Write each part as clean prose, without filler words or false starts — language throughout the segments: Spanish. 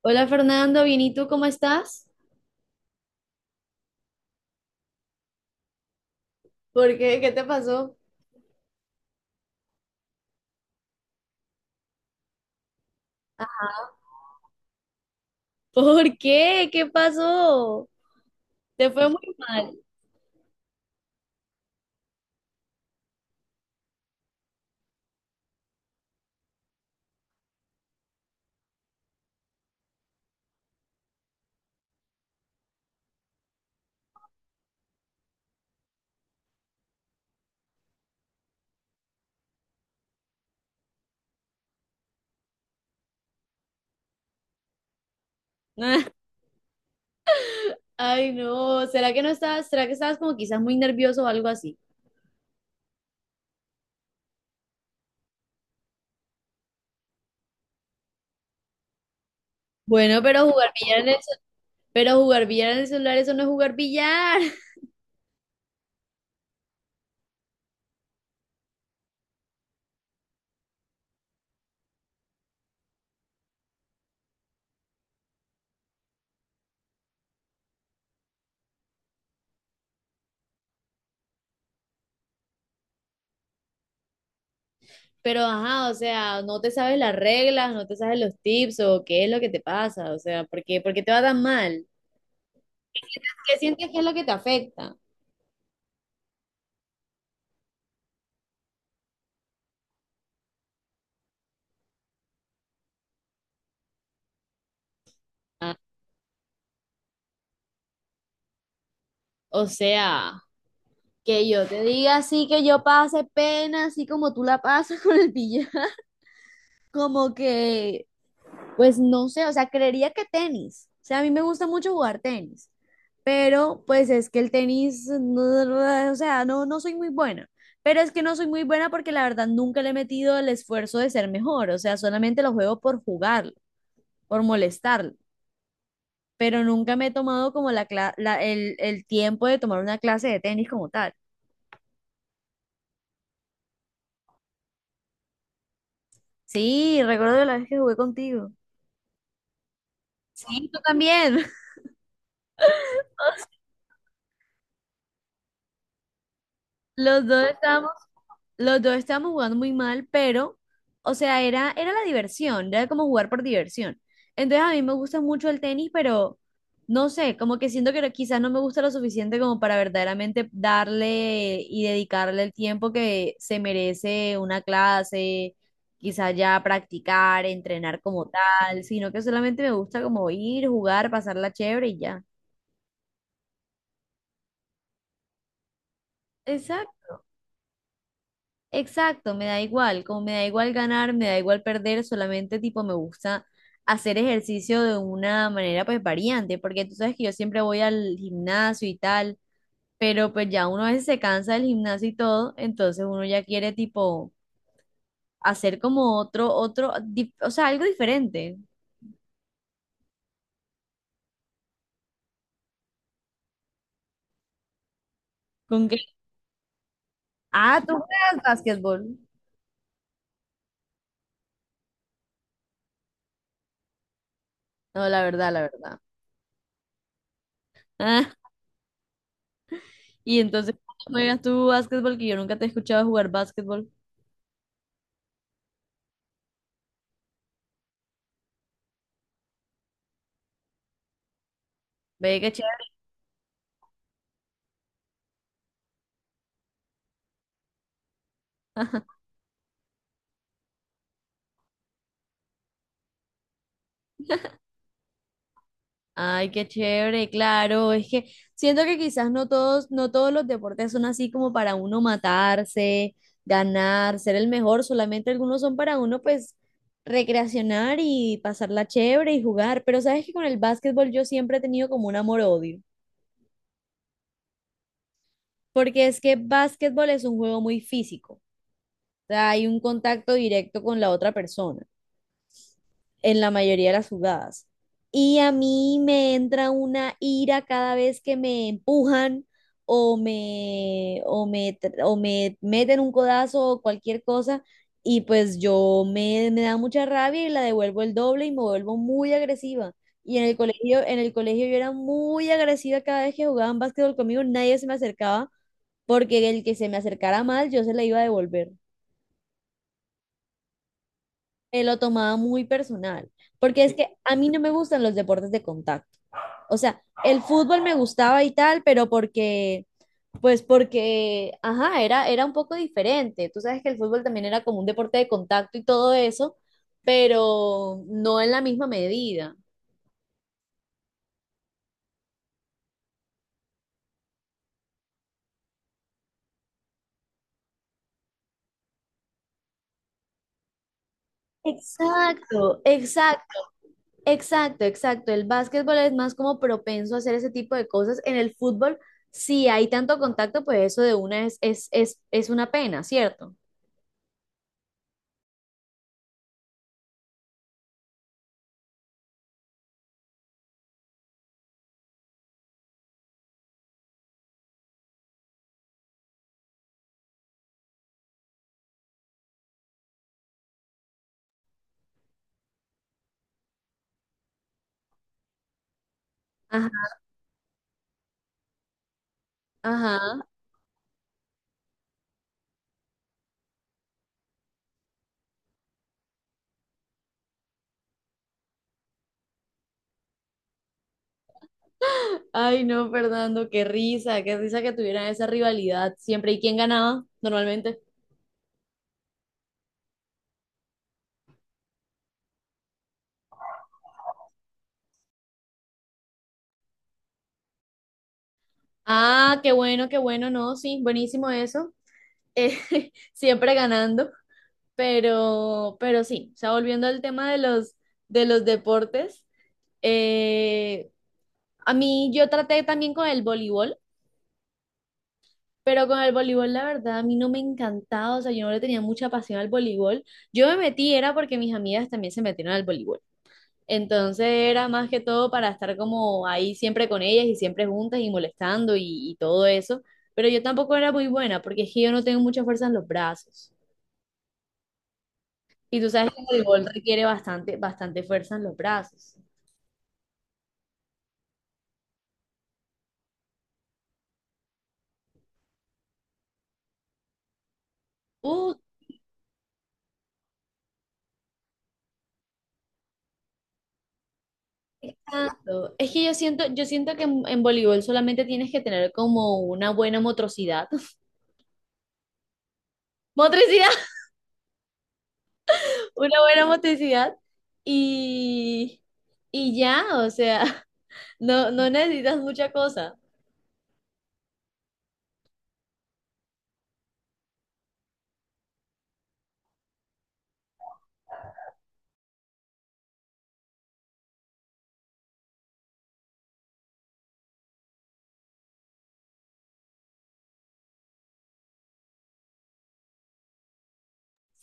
Hola Fernando, bien, ¿y tú cómo estás? ¿Por qué? ¿Qué te pasó? ¿Por qué? ¿Qué pasó? Te fue muy mal. Ay, no, ¿será que no estabas, será que estabas como quizás muy nervioso o algo así? Bueno, pero jugar billar en el, pero jugar billar en el celular, eso no es jugar billar. Pero ajá, o sea, no te sabes las reglas, no te sabes los tips o qué es lo que te pasa, o sea, ¿por qué te va tan mal? ¿Qué sientes que es lo que te afecta? Ah, o sea, que yo te diga así que yo pase pena, así como tú la pasas con el billar. Como que, pues no sé, o sea, creería que tenis. O sea, a mí me gusta mucho jugar tenis, pero pues es que el tenis, o sea, no, no soy muy buena. Pero es que no soy muy buena porque la verdad nunca le he metido el esfuerzo de ser mejor. O sea, solamente lo juego por jugarlo, por molestarlo. Pero nunca me he tomado como la, cla- la- el tiempo de tomar una clase de tenis como tal. Sí, recuerdo la vez que jugué contigo. Sí, tú también. Los dos estábamos, los dos estábamos jugando muy mal, pero, o sea, era la diversión, era como jugar por diversión. Entonces a mí me gusta mucho el tenis, pero no sé, como que siento que no, quizás no me gusta lo suficiente como para verdaderamente darle y dedicarle el tiempo que se merece una clase, quizás ya practicar, entrenar como tal, sino que solamente me gusta como ir, jugar, pasarla chévere y ya. Exacto, me da igual, como me da igual ganar, me da igual perder, solamente tipo me gusta hacer ejercicio de una manera pues variante, porque tú sabes que yo siempre voy al gimnasio y tal, pero pues ya uno a veces se cansa del gimnasio y todo, entonces uno ya quiere tipo hacer como o sea, algo diferente. Con que, ah, tú juegas básquetbol. No, la verdad, la verdad. Ah, y entonces, ¿cómo juegas tú básquetbol? Que yo nunca te he escuchado jugar básquetbol. Ve, qué chévere. Ay, qué chévere, claro. Es que siento que quizás no todos los deportes son así como para uno matarse, ganar, ser el mejor. Solamente algunos son para uno, pues, recreacionar y pasarla chévere y jugar. Pero sabes que con el básquetbol yo siempre he tenido como un amor-odio, porque es que básquetbol es un juego muy físico. O sea, hay un contacto directo con la otra persona en la mayoría de las jugadas. Y a mí me entra una ira cada vez que me empujan o me meten un codazo o cualquier cosa. Y pues me da mucha rabia y la devuelvo el doble y me vuelvo muy agresiva. Y en el colegio yo era muy agresiva cada vez que jugaban básquetbol conmigo, nadie se me acercaba porque el que se me acercara mal yo se la iba a devolver. Me lo tomaba muy personal, porque es que a mí no me gustan los deportes de contacto. O sea, el fútbol me gustaba y tal, pero porque, pues porque, ajá, era un poco diferente. Tú sabes que el fútbol también era como un deporte de contacto y todo eso, pero no en la misma medida. Exacto, exacto, exacto, exacto. El básquetbol es más como propenso a hacer ese tipo de cosas. En el fútbol, si hay tanto contacto, pues eso de una es una pena, ¿cierto? Ajá. Ay, no, Fernando, qué risa que tuvieran esa rivalidad siempre. ¿Y quién ganaba normalmente? Ah, qué bueno, no, sí, buenísimo eso. Eh, siempre ganando, pero sí, o sea, volviendo al tema de los deportes, eh, a mí yo traté también con el voleibol, pero con el voleibol la verdad a mí no me encantaba, o sea, yo no le tenía mucha pasión al voleibol. Yo me metí era porque mis amigas también se metieron al voleibol. Entonces era más que todo para estar como ahí siempre con ellas y siempre juntas y molestando y todo eso. Pero yo tampoco era muy buena porque es que yo no tengo mucha fuerza en los brazos. Y tú sabes que el voleibol requiere bastante, bastante fuerza en los brazos. Uh, tanto. Es que yo siento que en voleibol solamente tienes que tener como una buena motricidad. Motricidad, una buena motricidad. Y, y ya, o sea, no, no necesitas mucha cosa.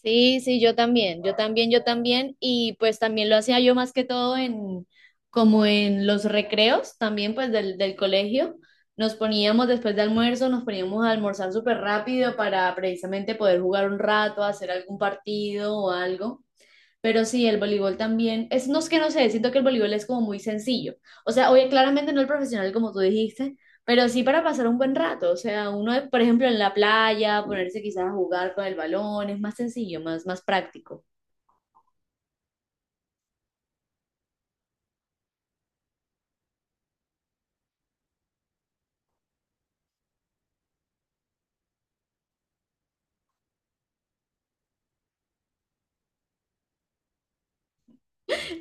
Sí, sí, yo también, y pues también lo hacía yo más que todo en, como en los recreos también pues del colegio, nos poníamos después de almuerzo, nos poníamos a almorzar súper rápido para precisamente poder jugar un rato, hacer algún partido o algo. Pero sí, el voleibol también, es, no es que no sé, siento que el voleibol es como muy sencillo. O sea, oye, claramente no el profesional como tú dijiste, pero sí para pasar un buen rato. O sea, uno, por ejemplo, en la playa, ponerse quizás a jugar con el balón, es más sencillo, más, más práctico.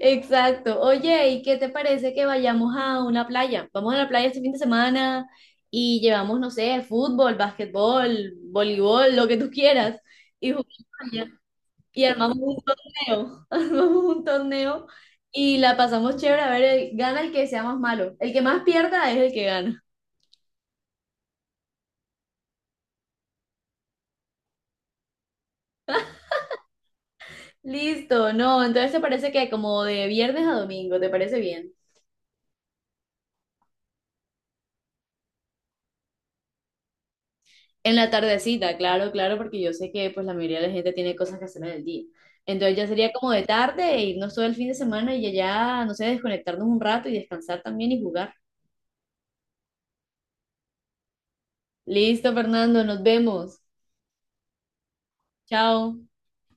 Exacto. Oye, ¿y qué te parece que vayamos a una playa? Vamos a la playa este fin de semana y llevamos, no sé, fútbol, básquetbol, voleibol, lo que tú quieras. Y jugamos allá. Y armamos un torneo, armamos un torneo y la pasamos chévere, a ver, el- gana el que sea más malo, el que más pierda es el que gana. Listo, no, entonces te parece que como de viernes a domingo, ¿te parece bien? En la tardecita, claro, claro, porque yo sé que pues la mayoría de la gente tiene cosas que hacer en el día. Entonces ya sería como de tarde e irnos todo el fin de semana y allá, no sé, desconectarnos un rato y descansar también y jugar. Listo, Fernando, nos vemos. Chao.